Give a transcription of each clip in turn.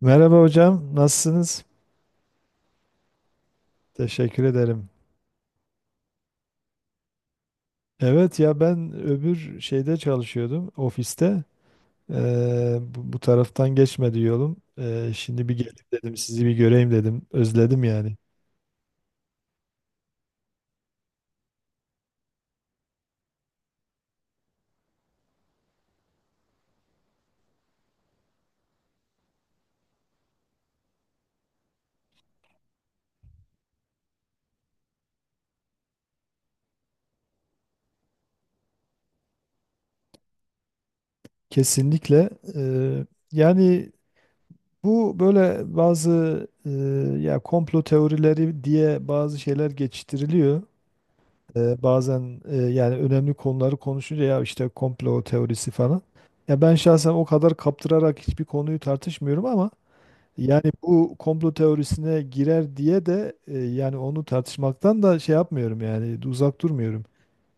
Merhaba hocam, nasılsınız? Teşekkür ederim. Evet ya ben öbür şeyde çalışıyordum, ofiste. Bu taraftan geçmedi yolum. Şimdi bir gelip dedim, sizi bir göreyim dedim. Özledim yani. Kesinlikle. e, Yani bu böyle bazı ya komplo teorileri diye bazı şeyler geçiştiriliyor. Bazen yani önemli konuları konuşunca ya işte komplo teorisi falan. Ya ben şahsen o kadar kaptırarak hiçbir konuyu tartışmıyorum ama yani bu komplo teorisine girer diye de yani onu tartışmaktan da şey yapmıyorum yani uzak durmuyorum.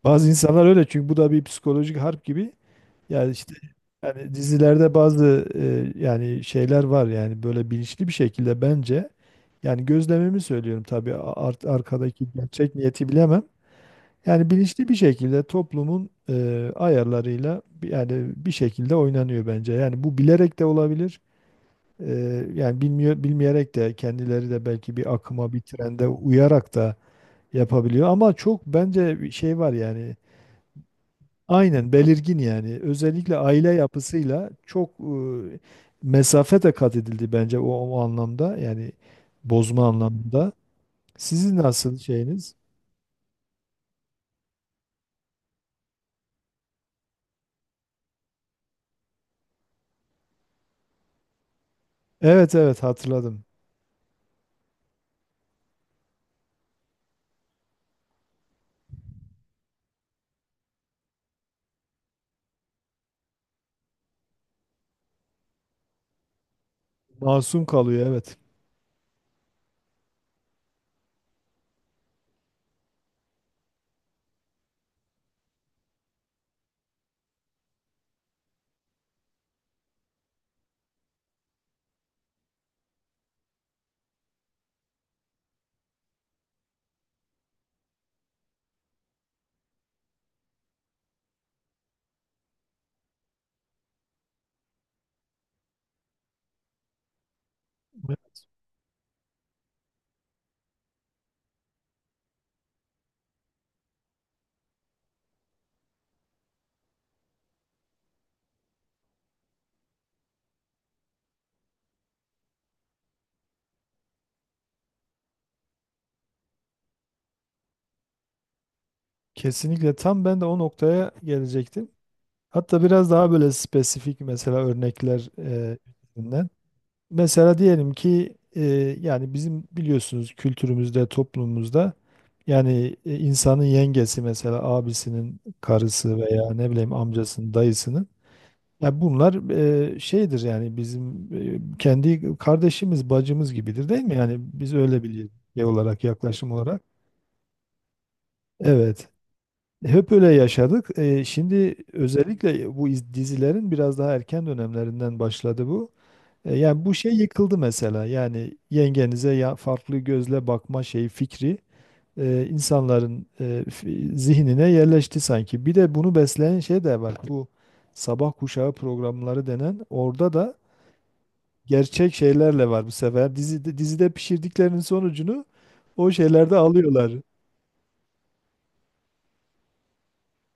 Bazı insanlar öyle çünkü bu da bir psikolojik harp gibi. Yani işte yani dizilerde bazı yani şeyler var yani böyle bilinçli bir şekilde bence yani gözlemimi söylüyorum tabii art arkadaki gerçek niyeti bilemem. Yani bilinçli bir şekilde toplumun ayarlarıyla yani bir şekilde oynanıyor bence. Yani bu bilerek de olabilir. E, Yani bilmeyerek de kendileri de belki bir akıma, bir trende uyarak da yapabiliyor. Ama çok bence bir şey var yani. Aynen belirgin yani. Özellikle aile yapısıyla çok mesafe de kat edildi bence o anlamda. Yani bozma anlamında. Sizin nasıl şeyiniz? Evet, evet, hatırladım. Masum kalıyor, evet. Kesinlikle, tam ben de o noktaya gelecektim. Hatta biraz daha böyle spesifik mesela örnekler üzerinden. Mesela diyelim ki yani bizim biliyorsunuz kültürümüzde, toplumumuzda yani insanın yengesi mesela abisinin karısı veya ne bileyim amcasının, dayısının ya bunlar şeydir yani bizim kendi kardeşimiz, bacımız gibidir değil mi? Yani biz öyle biliyoruz şey olarak, yaklaşım olarak. Evet. Hep öyle yaşadık. Şimdi özellikle bu dizilerin biraz daha erken dönemlerinden başladı bu. Yani bu şey yıkıldı mesela. Yani yengenize ya farklı gözle bakma şeyi fikri insanların zihnine yerleşti sanki. Bir de bunu besleyen şey de var. Bu sabah kuşağı programları denen orada da gerçek şeylerle var bu sefer. Dizide, dizide pişirdiklerinin sonucunu o şeylerde alıyorlar.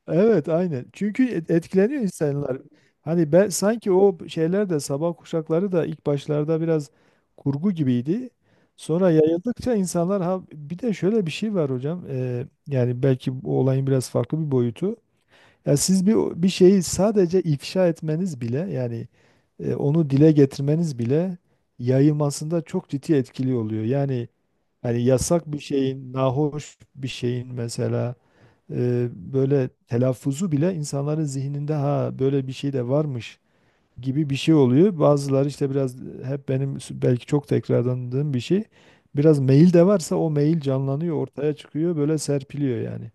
Evet, aynen. Çünkü etkileniyor insanlar. Hani ben sanki o şeyler de sabah kuşakları da ilk başlarda biraz kurgu gibiydi. Sonra yayıldıkça insanlar ha bir de şöyle bir şey var hocam. Yani belki bu olayın biraz farklı bir boyutu. Ya siz bir şeyi sadece ifşa etmeniz bile yani onu dile getirmeniz bile yayılmasında çok ciddi etkili oluyor. Yani hani yasak bir şeyin, nahoş bir şeyin mesela böyle telaffuzu bile insanların zihninde ha böyle bir şey de varmış gibi bir şey oluyor. Bazıları işte biraz hep benim belki çok tekrarlandığım bir şey. Biraz mail de varsa o mail canlanıyor, ortaya çıkıyor, böyle serpiliyor yani.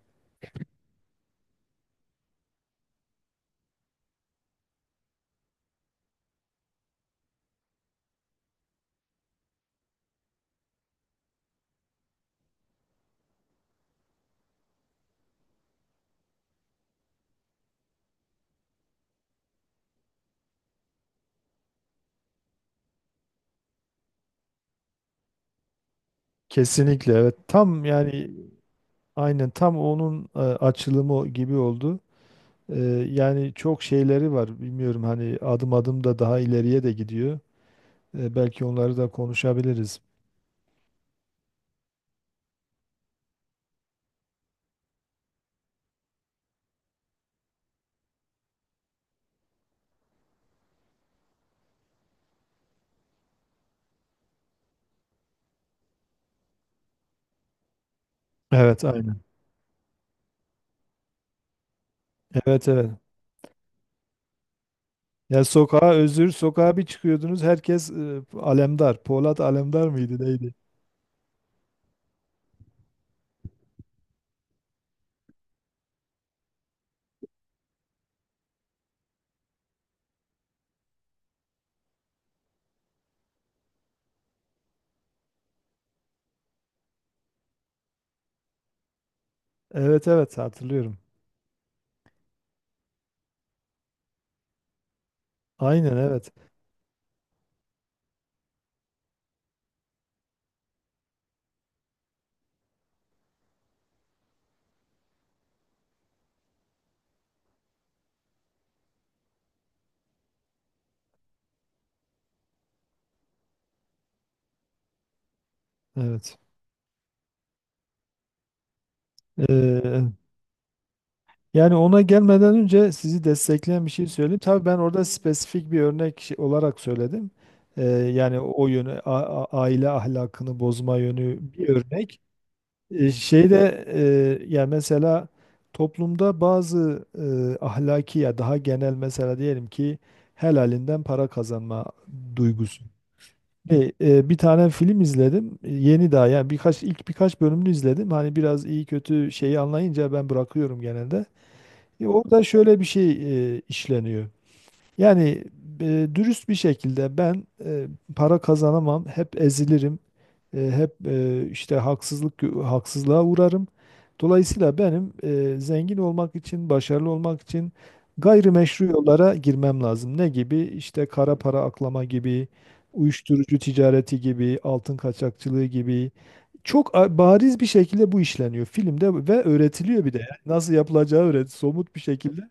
Kesinlikle, evet. Tam yani aynen tam onun açılımı o gibi oldu. E, Yani çok şeyleri var. Bilmiyorum hani adım adım da daha ileriye de gidiyor. Belki onları da konuşabiliriz. Evet, aynen. Evet, evet. Ya sokağa özür, sokağa bir çıkıyordunuz herkes alemdar. Polat alemdar mıydı neydi? Evet, evet, hatırlıyorum. Aynen, evet. Evet. Ee, Yani ona gelmeden önce sizi destekleyen bir şey söyleyeyim. Tabii ben orada spesifik bir örnek olarak söyledim. Yani o yönü, aile ahlakını bozma yönü bir örnek. Şeyde yani mesela toplumda bazı ahlaki ya daha genel mesela diyelim ki helalinden para kazanma duygusu. Bir tane film izledim. Yeni daha yani birkaç ilk birkaç bölümünü izledim. Hani biraz iyi kötü şeyi anlayınca ben bırakıyorum genelde. Orada şöyle bir şey işleniyor. Yani dürüst bir şekilde ben para kazanamam, hep ezilirim, hep işte haksızlığa uğrarım. Dolayısıyla benim zengin olmak için, başarılı olmak için gayrimeşru yollara girmem lazım. Ne gibi? İşte kara para aklama gibi, uyuşturucu ticareti gibi, altın kaçakçılığı gibi. Çok bariz bir şekilde bu işleniyor filmde ve öğretiliyor bir de. Yani nasıl yapılacağı öğret, somut bir şekilde.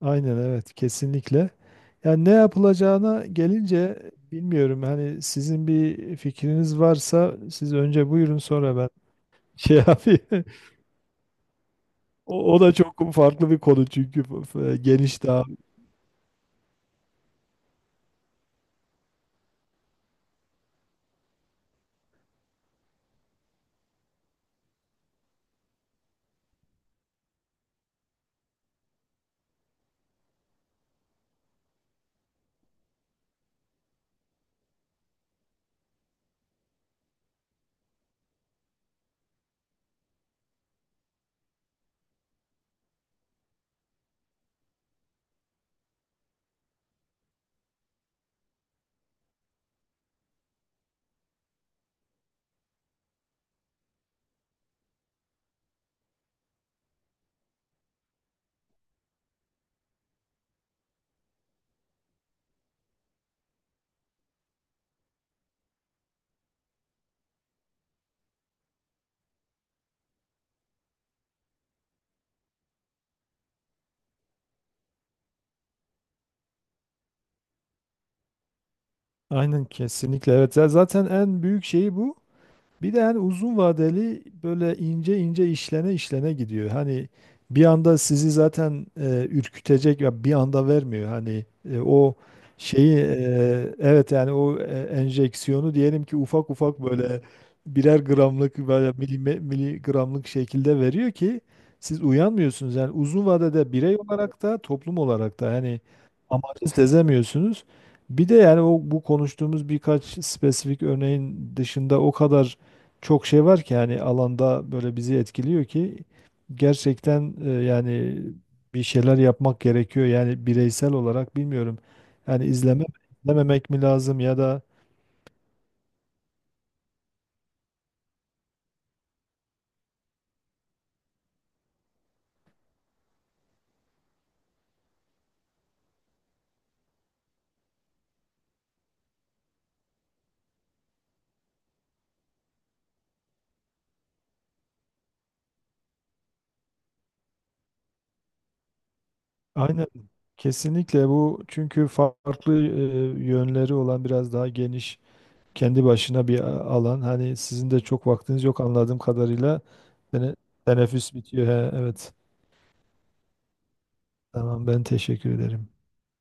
Aynen, evet, kesinlikle. Yani ne yapılacağına gelince bilmiyorum. Hani sizin bir fikriniz varsa siz önce buyurun sonra ben şey yapayım. O da çok farklı bir konu çünkü geniş daha. Aynen, kesinlikle, evet. Ya zaten en büyük şeyi bu. Bir de hani uzun vadeli böyle ince ince işlene işlene gidiyor. Hani bir anda sizi zaten ürkütecek ya bir anda vermiyor. Hani o şeyi evet yani enjeksiyonu diyelim ki ufak ufak böyle birer gramlık böyle miligramlık şekilde veriyor ki siz uyanmıyorsunuz. Yani uzun vadede birey olarak da toplum olarak da yani amacı sezemiyorsunuz. Bir de yani o bu konuştuğumuz birkaç spesifik örneğin dışında o kadar çok şey var ki yani alanda böyle bizi etkiliyor ki gerçekten yani bir şeyler yapmak gerekiyor. Yani bireysel olarak bilmiyorum. Yani izlememek mi lazım ya da aynen kesinlikle bu çünkü farklı yönleri olan biraz daha geniş kendi başına alan. Hani sizin de çok vaktiniz yok anladığım kadarıyla. Tene- Teneffüs bitiyor. He, evet. Tamam, ben teşekkür ederim.